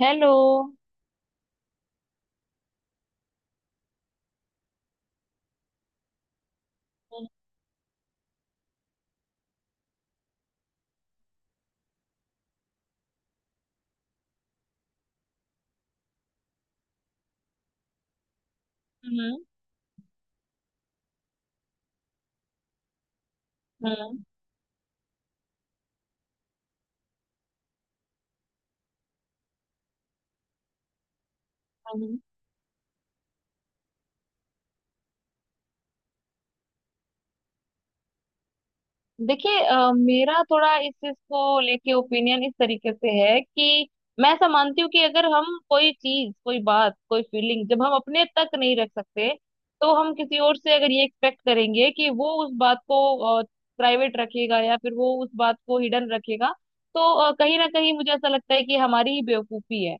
Hello. हम्म। हम्म। हम्म। देखिए, मेरा थोड़ा इस चीज को लेके ओपिनियन इस तरीके से है कि मैं ऐसा मानती हूँ कि अगर हम कोई चीज कोई बात कोई फीलिंग जब हम अपने तक नहीं रख सकते तो हम किसी और से अगर ये एक्सपेक्ट करेंगे कि वो उस बात को प्राइवेट रखेगा या फिर वो उस बात को हिडन रखेगा तो कहीं ना कहीं मुझे ऐसा लगता है कि हमारी ही बेवकूफी है।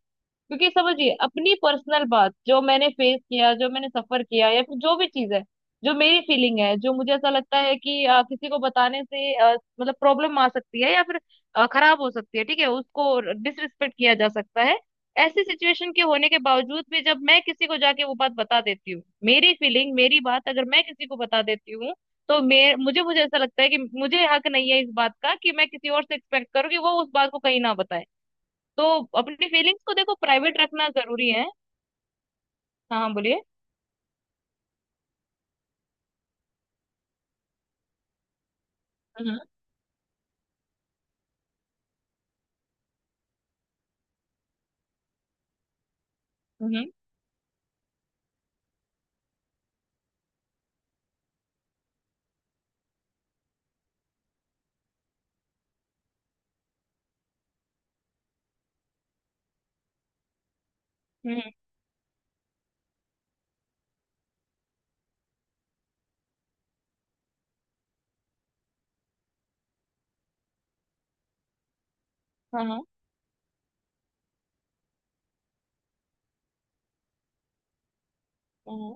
क्योंकि समझिए अपनी पर्सनल बात जो मैंने फेस किया जो मैंने सफर किया या फिर जो भी चीज है जो मेरी फीलिंग है जो मुझे ऐसा लगता है कि किसी को बताने से मतलब प्रॉब्लम आ सकती है या फिर खराब हो सकती है। ठीक है, उसको डिसरिस्पेक्ट किया जा सकता है। ऐसी सिचुएशन के होने के बावजूद भी जब मैं किसी को जाके वो बात बता देती हूँ मेरी फीलिंग मेरी बात अगर मैं किसी को बता देती हूँ तो मैं मुझे मुझे ऐसा लगता है कि मुझे हक नहीं है इस बात का कि मैं किसी और से एक्सपेक्ट करूँ कि वो उस बात को कहीं ना बताए। तो अपनी फीलिंग्स को देखो, प्राइवेट रखना जरूरी है। हाँ, हाँ, बोलिए। हम्म, हम्म, हम्म। हाँ, हाँ, हाँ,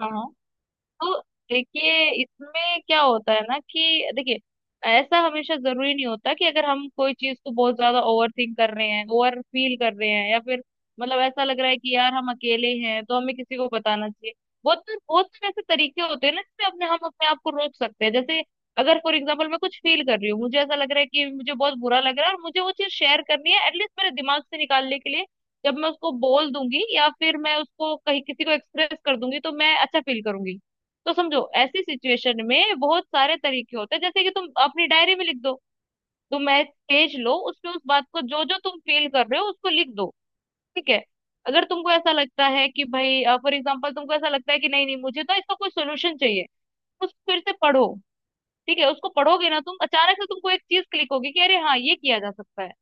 हाँ, हाँ। तो देखिए, इसमें क्या होता है ना कि देखिए, ऐसा हमेशा जरूरी नहीं होता कि अगर हम कोई चीज को बहुत ज्यादा ओवर थिंक कर रहे हैं ओवर फील कर रहे हैं या फिर मतलब ऐसा लग रहा है कि यार हम अकेले हैं तो हमें किसी को बताना चाहिए। बहुत सारे ऐसे तरीके होते हैं ना जिसमें अपने हम अपने आप को रोक सकते हैं, जैसे अगर फॉर एग्जाम्पल मैं कुछ फील कर रही हूँ, मुझे ऐसा लग रहा है कि मुझे बहुत बुरा लग रहा है और मुझे वो चीज शेयर करनी है, एटलीस्ट मेरे दिमाग से निकालने के लिए। जब मैं उसको बोल दूंगी या फिर मैं उसको कहीं किसी को एक्सप्रेस कर दूंगी तो मैं अच्छा फील करूंगी। तो समझो, ऐसी सिचुएशन में बहुत सारे तरीके होते हैं, जैसे कि तुम अपनी डायरी में लिख दो। तुम एक पेज लो, उसमें उस बात को जो जो तुम फील कर रहे हो उसको लिख दो। ठीक है। अगर तुमको ऐसा लगता है कि भाई फॉर एग्जाम्पल तुमको ऐसा लगता है कि नहीं, नहीं, मुझे तो इसका कोई सोल्यूशन चाहिए, उस फिर से पढ़ो। ठीक है, उसको पढ़ोगे ना तुम, अचानक से तुमको एक चीज क्लिक होगी कि अरे हाँ, ये किया जा सकता है।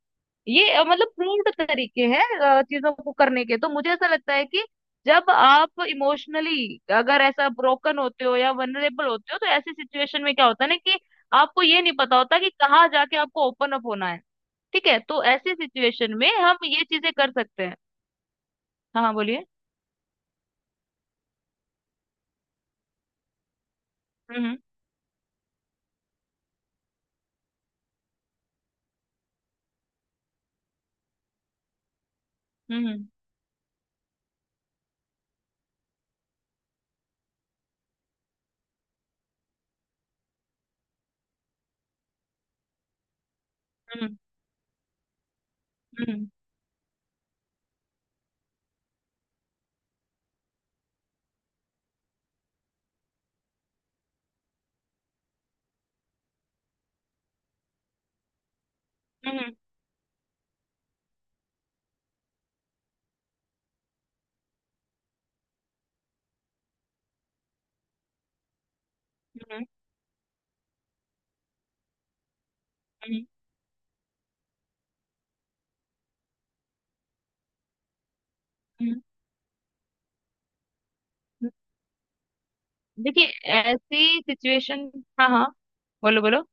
ये मतलब प्रूव्ड तरीके हैं चीजों को करने के, तो मुझे ऐसा लगता है कि जब आप इमोशनली अगर ऐसा ब्रोकन होते हो या वनरेबल होते हो तो ऐसी सिचुएशन में क्या होता है ना कि आपको ये नहीं पता होता कि कहाँ जाके आपको ओपन अप होना है। ठीक है, तो ऐसी सिचुएशन में हम ये चीजें कर सकते हैं। हाँ, हाँ, बोलिए। हम्म। हम्म। हम्म। हम्म। हम्म। हम्म। हम्म। हम्म, हम्म, हम्म। देखिए, ऐसी सिचुएशन। हाँ, हाँ, बोलो, बोलो।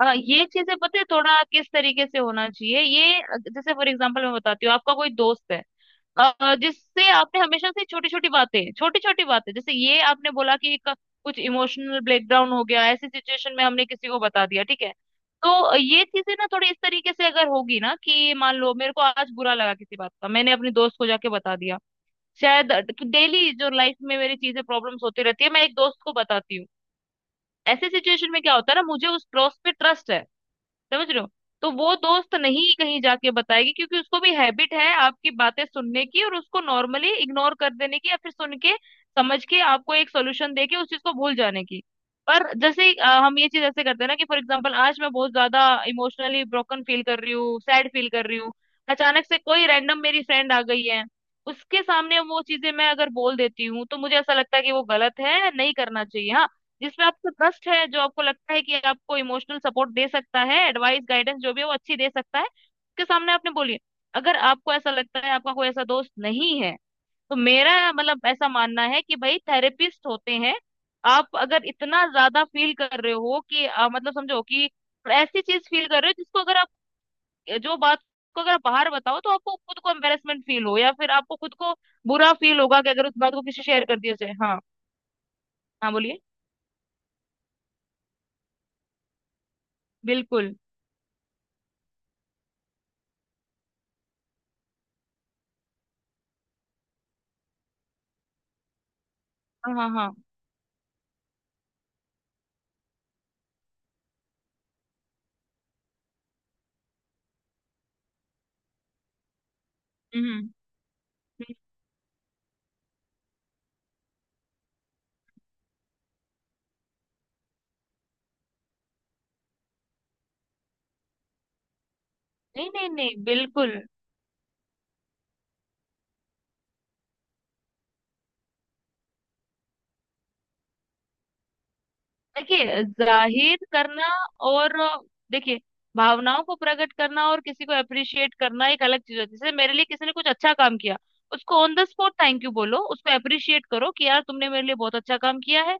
ये चीजें पता है थोड़ा किस तरीके से होना चाहिए, ये जैसे फॉर एग्जांपल मैं बताती हूँ, आपका कोई दोस्त है जिससे आपने हमेशा से छोटी छोटी बातें जैसे ये आपने बोला कि एक कुछ इमोशनल ब्रेकडाउन हो गया, ऐसी सिचुएशन में हमने किसी को बता दिया। ठीक है, तो ये चीजें ना थोड़ी इस तरीके से अगर होगी ना कि मान लो मेरे को आज बुरा लगा किसी बात का, मैंने अपने दोस्त को जाके बता दिया। शायद डेली जो लाइफ में मेरी चीजें प्रॉब्लम्स होती रहती है, मैं एक दोस्त को बताती हूँ। ऐसे सिचुएशन में क्या होता है ना, मुझे उस दोस्त पे ट्रस्ट है। समझ रहे हो? तो वो दोस्त नहीं कहीं जाके बताएगी, क्योंकि उसको भी हैबिट है आपकी बातें सुनने की और उसको नॉर्मली इग्नोर कर देने की, या फिर सुन के समझ के आपको एक सोल्यूशन दे के उस चीज को भूल जाने की। पर जैसे ही हम ये चीज ऐसे करते हैं ना कि फॉर एग्जाम्पल आज मैं बहुत ज्यादा इमोशनली ब्रोकन फील कर रही हूँ, सैड फील कर रही हूँ, अचानक से कोई रैंडम मेरी फ्रेंड आ गई है, उसके सामने वो चीजें मैं अगर बोल देती हूँ, तो मुझे ऐसा लगता है कि वो गलत है, नहीं करना चाहिए। हाँ, जिसमें आपको ट्रस्ट है, जो आपको लगता है कि आपको इमोशनल सपोर्ट दे सकता है, एडवाइस गाइडेंस जो भी है वो अच्छी दे सकता है, उसके सामने आपने बोलिए। अगर आपको ऐसा लगता है आपका कोई ऐसा दोस्त नहीं है, तो मेरा मतलब ऐसा मानना है कि भाई थेरेपिस्ट होते हैं। आप अगर इतना ज्यादा फील कर रहे हो कि मतलब समझो कि ऐसी चीज फील कर रहे हो जिसको अगर आप जो बात को अगर आप बाहर बताओ तो आपको खुद को एम्बेरसमेंट फील हो या फिर आपको खुद को बुरा फील होगा कि अगर उस बात को किसी शेयर कर दिया जाए। हाँ। हाँ, बोलिए। बिल्कुल। हाँ, हाँ, हाँ। हम्म, नहीं, नहीं, नहीं, बिल्कुल। देखिए, जाहिर करना और देखिए, भावनाओं को प्रकट करना और किसी को अप्रिशिएट करना एक अलग चीज होती है, जैसे मेरे लिए किसी ने कुछ अच्छा काम किया, उसको on the spot thank you बोलो, उसको अप्रिशिएट करो कि यार तुमने मेरे लिए बहुत अच्छा काम किया है।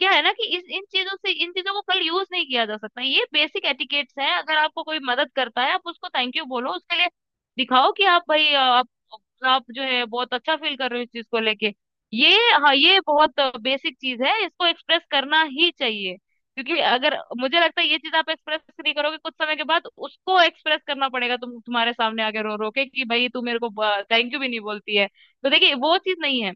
क्या है ना कि इस इन चीजों से, इन चीजों को कल यूज नहीं किया जा सकता, ये बेसिक एटिकेट्स है, अगर आपको कोई मदद करता है आप उसको थैंक यू बोलो, उसके लिए दिखाओ कि आप भाई आप जो है बहुत अच्छा फील कर रहे हो इस चीज को लेके। ये हाँ, ये बहुत बेसिक चीज है, इसको एक्सप्रेस करना ही चाहिए। क्योंकि अगर मुझे लगता है ये चीज आप एक्सप्रेस नहीं करोगे कुछ समय के बाद उसको एक्सप्रेस करना पड़ेगा, तुम्हारे सामने आके रो रो के कि भाई तू मेरे को थैंक यू भी नहीं बोलती है। तो देखिए, वो चीज नहीं है।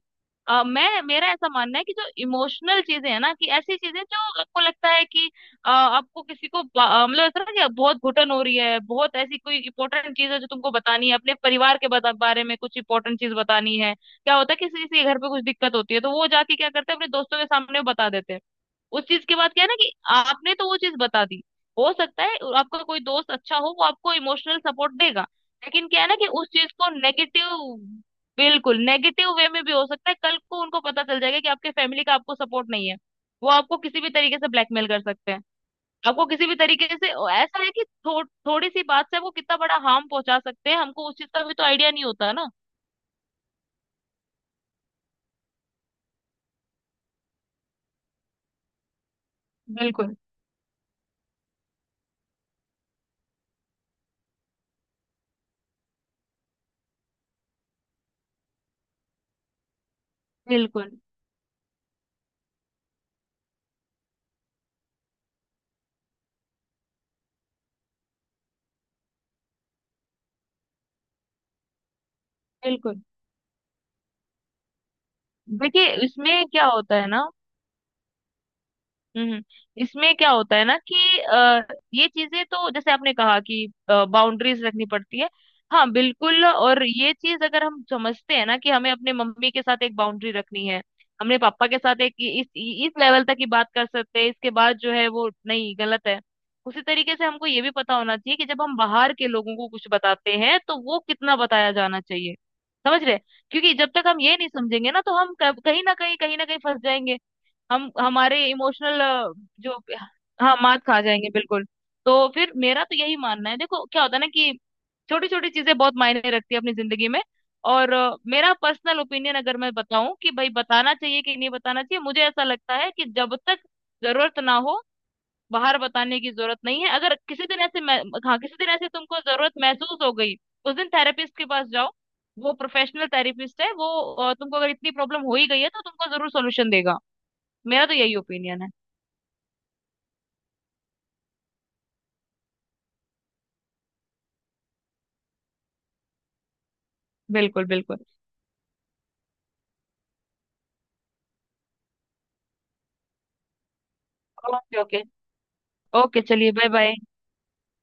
मैं मेरा ऐसा मानना है कि जो इमोशनल चीजें है ना, कि ऐसी चीजें जो आपको लगता है कि आपको किसी को मतलब ऐसा ना कि बहुत घुटन हो रही है, बहुत ऐसी कोई इंपॉर्टेंट चीज है जो तुमको बतानी है, अपने परिवार के बारे में कुछ इंपॉर्टेंट चीज बतानी है। क्या होता है कि किसी किसी के घर पे कुछ दिक्कत होती है तो वो जाके क्या करते हैं, अपने दोस्तों के सामने बता देते हैं। उस चीज के बाद क्या है ना कि आपने तो वो चीज बता दी, हो सकता है आपका कोई दोस्त अच्छा हो, वो आपको इमोशनल सपोर्ट देगा। लेकिन क्या है ना कि उस चीज को नेगेटिव, बिल्कुल नेगेटिव वे में भी हो सकता है, कल को उनको पता चल जाएगा कि आपके फैमिली का आपको सपोर्ट नहीं है, वो आपको किसी भी तरीके से ब्लैकमेल कर सकते हैं, आपको किसी भी तरीके से। ऐसा है कि थोड़ी सी बात से वो कितना बड़ा हार्म पहुंचा सकते हैं हमको, उस चीज का भी तो आइडिया नहीं होता ना। बिल्कुल, बिल्कुल, बिल्कुल। देखिए, इसमें क्या होता है ना। हम्म, इसमें क्या होता है ना कि ये चीजें तो जैसे आपने कहा कि बाउंड्रीज रखनी पड़ती है। हाँ, बिल्कुल, और ये चीज अगर हम समझते हैं ना कि हमें अपने मम्मी के साथ एक बाउंड्री रखनी है, हमने पापा के साथ एक इस लेवल तक ही बात कर सकते हैं, इसके बाद जो है वो नहीं, गलत है। उसी तरीके से हमको ये भी पता होना चाहिए कि जब हम बाहर के लोगों को कुछ बताते हैं तो वो कितना बताया जाना चाहिए। समझ रहे? क्योंकि जब तक हम ये नहीं समझेंगे ना तो हम कहीं ना कहीं फंस जाएंगे। हम हमारे इमोशनल जो। हाँ, मात खा जाएंगे, बिल्कुल। तो फिर मेरा तो यही मानना है, देखो क्या होता है ना कि छोटी छोटी चीजें बहुत मायने रखती है अपनी जिंदगी में। और मेरा पर्सनल ओपिनियन अगर मैं बताऊं कि भाई बताना चाहिए कि नहीं बताना चाहिए, मुझे ऐसा लगता है कि जब तक जरूरत ना हो, बाहर बताने की जरूरत नहीं है। अगर किसी दिन ऐसे हाँ, किसी दिन ऐसे तुमको जरूरत महसूस हो गई, उस दिन थेरेपिस्ट के पास जाओ। वो प्रोफेशनल थेरेपिस्ट है, वो तुमको अगर इतनी प्रॉब्लम हो ही गई है तो तुमको जरूर सोल्यूशन देगा। मेरा तो यही ओपिनियन है। बिल्कुल, बिल्कुल। Okay, okay. ओके, चलिए, बाय, बाय।